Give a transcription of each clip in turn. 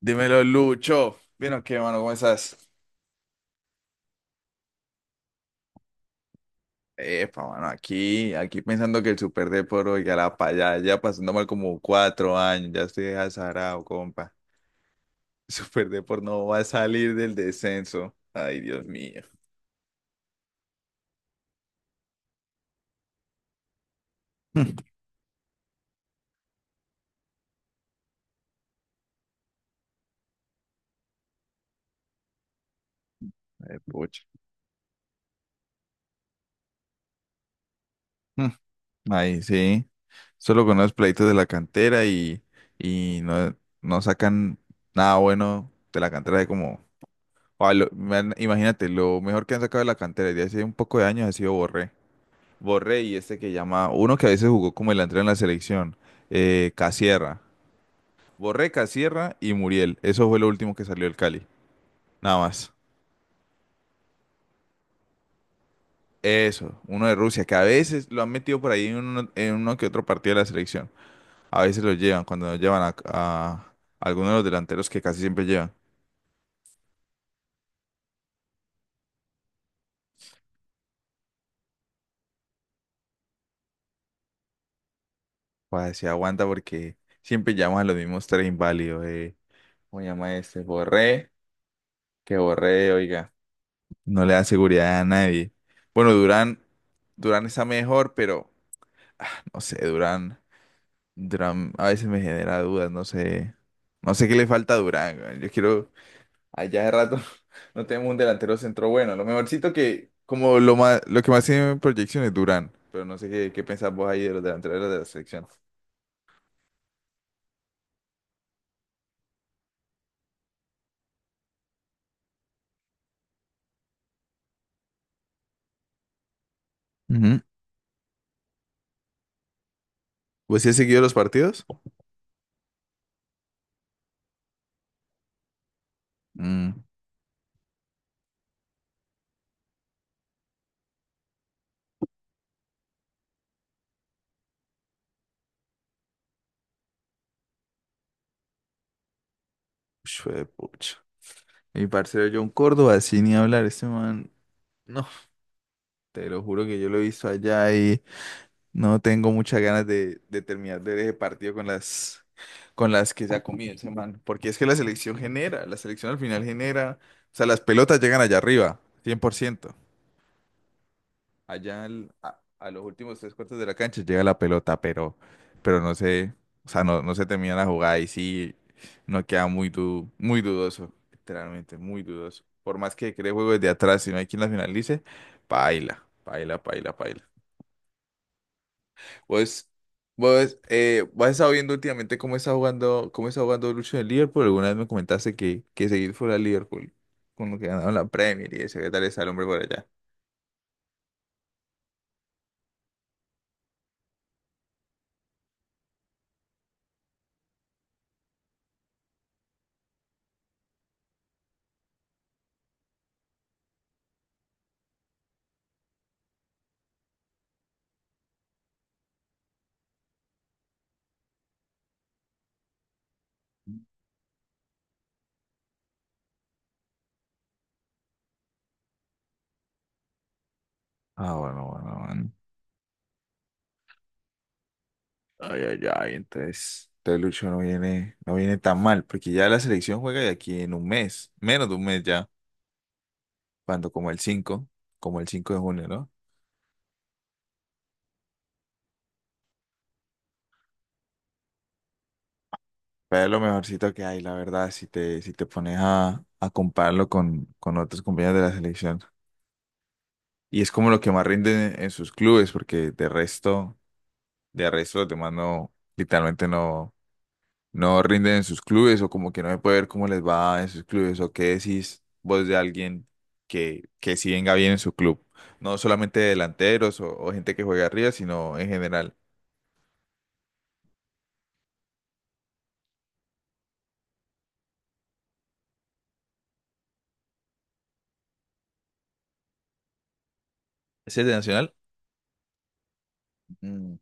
Dímelo, Lucho. ¿Vieron qué, mano? ¿Cómo estás? Epa, mano, aquí pensando que el Super Depor, ya la pa' allá, ya pasando mal como 4 años, ya estoy azarado, compa. El Super Depor no va a salir del descenso. Ay, Dios mío. Mm. Ay, pucha. Mm. Ahí sí. Solo con los pleitos de la cantera y no sacan nada bueno de la cantera de como. Ah, man, imagínate, lo mejor que han sacado de la cantera desde hace un poco de años ha sido Borré. Borré y este que llama, uno que a veces jugó como el delantero en la selección, Casierra. Borré, Casierra y Muriel. Eso fue lo último que salió del Cali. Nada más. Eso, uno de Rusia, que a veces lo han metido por ahí en uno que otro partido de la selección. A veces lo llevan, cuando nos llevan a alguno de los delanteros que casi siempre llevan. Pues se aguanta porque siempre llaman a los mismos tres inválidos. ¿Cómo llama este? Borré, que Borré, oiga. No le da seguridad a nadie. Bueno, Durán, Durán está mejor, pero no sé, Durán, Durán a veces me genera dudas, no sé, no sé qué le falta a Durán. Güey. Yo quiero, allá de rato no tenemos un delantero centro bueno. Lo mejorcito que, como lo más, lo que más tiene proyección es Durán, pero no sé qué, qué pensás vos ahí de los delanteros de la selección. Ujú. ¿Vos sí has seguido los partidos? Mm, pucha. Mi parcero John Córdoba, sin ni hablar, ese man, no, te lo juro que yo lo he visto allá y no tengo muchas ganas de terminar de ver ese partido con las que se ha comido ese man. Porque es que la selección genera, la selección al final genera. O sea, las pelotas llegan allá arriba, 100%. Allá a los últimos tres cuartos de la cancha llega la pelota, pero no sé, o sea, no, no se termina la jugada y sí, no queda muy, muy dudoso, literalmente, muy dudoso. Por más que cree juego desde atrás, si no hay quien la finalice, paila, paila, paila, paila. Pues, vos, vos has estado viendo últimamente cómo está jugando Lucho en el Liverpool. Alguna vez me comentaste que seguir fuera al Liverpool, con lo que ganaron la Premier y eso, ¿qué tal está el hombre por allá? Ah, bueno, bueno, bueno. Ay, ay, ay, entonces, entonces Lucho no viene, no viene tan mal, porque ya la selección juega de aquí en un mes, menos de un mes ya, cuando como el 5, como el 5 de junio, ¿no? Pero es lo mejorcito que hay, la verdad, si te, si te pones a compararlo con otros compañeros de la selección. Y es como lo que más rinde en sus clubes, porque de resto los demás no, literalmente no, no rinden en sus clubes, o como que no se puede ver cómo les va en sus clubes, o qué decís vos de alguien que sí venga bien en su club. No solamente delanteros o gente que juega arriba, sino en general. Ese es de Nacional, mm,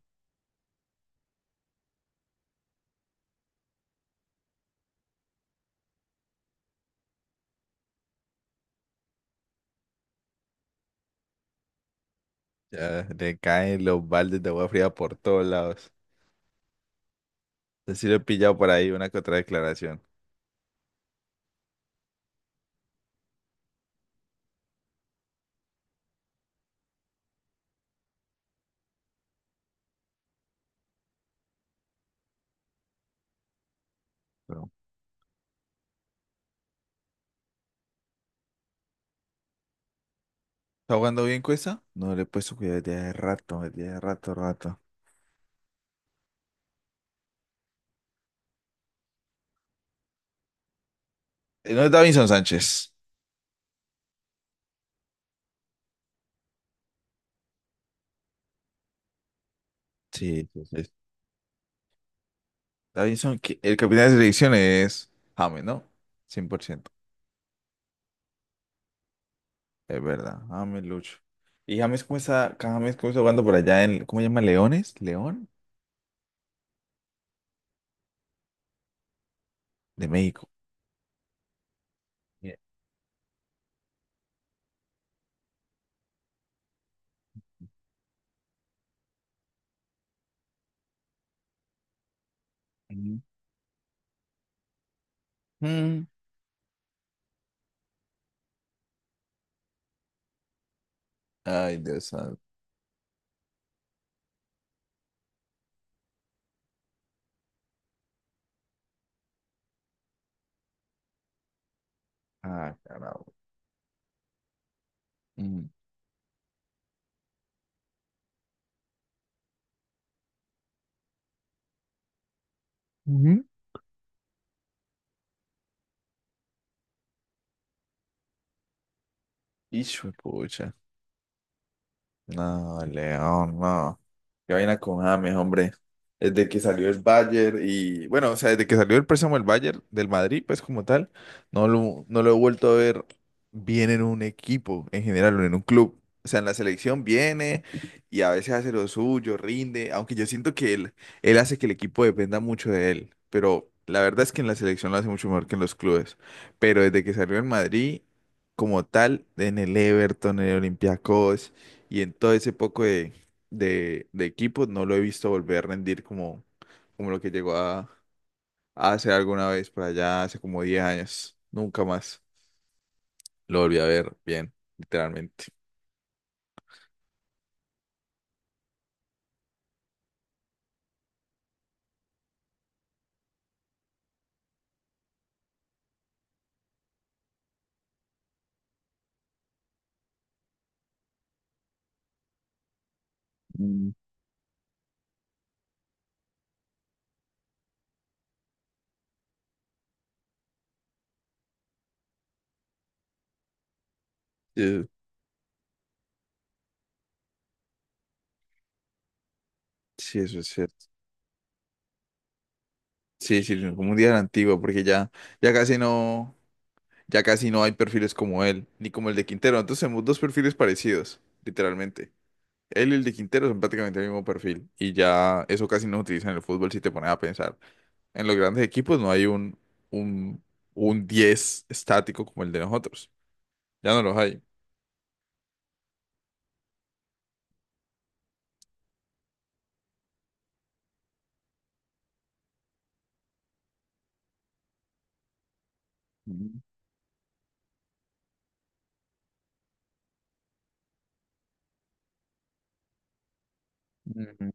ya le caen los baldes de agua fría por todos lados. Así lo he pillado por ahí una que otra declaración. Pero, ¿está jugando bien Cuesta? No le he puesto cuidado desde hace rato, rato. No es Davinson Sánchez. Sí, sí, sí. Davinson, que- el capitán de selección es James, ¿no? 100%. Es verdad, James Lucho. Y James, ¿cómo está? James, ¿cómo está jugando por allá en, ¿cómo se llama? ¿Leones? ¿León? De México. Bien. Ujú. Ay, Dios santo. Ah, carajo. Mm. Ujú. Hijo de pucha. No, León, no. Qué vaina con James, hombre. Desde que salió el Bayern y, bueno, o sea, desde que salió el préstamo del Bayern, del Madrid, pues como tal, no lo, no lo he vuelto a ver bien en un equipo en general, o en un club. O sea, en la selección viene y a veces hace lo suyo, rinde, aunque yo siento que él hace que el equipo dependa mucho de él, pero la verdad es que en la selección lo hace mucho mejor que en los clubes. Pero desde que salió en Madrid, como tal, en el Everton, en el Olympiacos. Y en todo ese poco de equipos no lo he visto volver a rendir como, como lo que llegó a hacer alguna vez por allá hace como 10 años. Nunca más lo volví a ver bien, literalmente. Mm. Eh, sí, eso es cierto. Sí, sí, no, como un día era antiguo, porque ya, ya casi no, ya casi no hay perfiles como él, ni como el de Quintero. Entonces tenemos dos perfiles parecidos, literalmente. Él y el de Quintero son prácticamente el mismo perfil y ya eso casi no se utiliza en el fútbol si te pones a pensar. En los grandes equipos no hay un, un 10 estático como el de nosotros. Ya no los hay. Ujú. Ujú.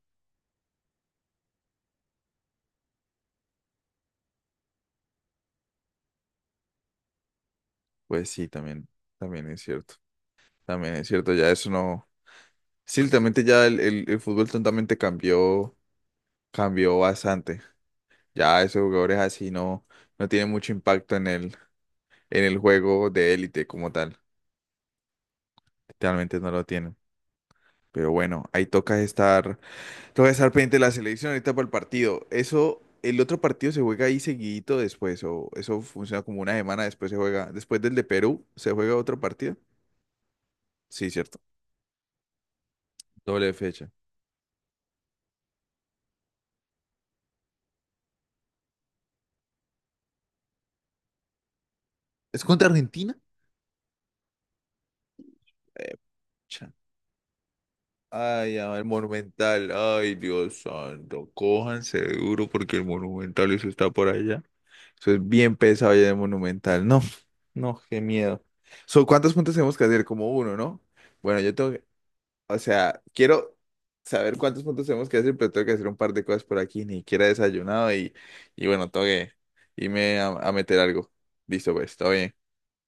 Pues sí, también, también es cierto. También es cierto, ya eso no. Sí, literalmente ya el fútbol tontamente cambió, cambió bastante. Ya esos jugadores así no, no tienen mucho impacto en el juego de élite como tal. Realmente no lo tienen. Pero bueno, ahí toca estar. Te voy a estar pendiente de la selección ahorita para el partido. Eso, el otro partido se juega ahí seguidito después, o eso funciona como una semana después se juega. Después del de Perú, ¿se juega otro partido? Sí, cierto. Doble fecha. ¿Es contra Argentina? Eh, pucha. Ay, a ver, Monumental. Ay, Dios santo. Cójanse duro porque el Monumental eso está por allá. Eso es bien pesado ya de Monumental. No, no, qué miedo. So, ¿cuántos puntos tenemos que hacer? Como uno, ¿no? Bueno, yo tengo, o sea, quiero saber cuántos puntos tenemos que hacer, pero tengo que hacer un par de cosas por aquí. Ni siquiera he desayunado y bueno, tengo que irme a meter algo. Listo, pues, todo bien.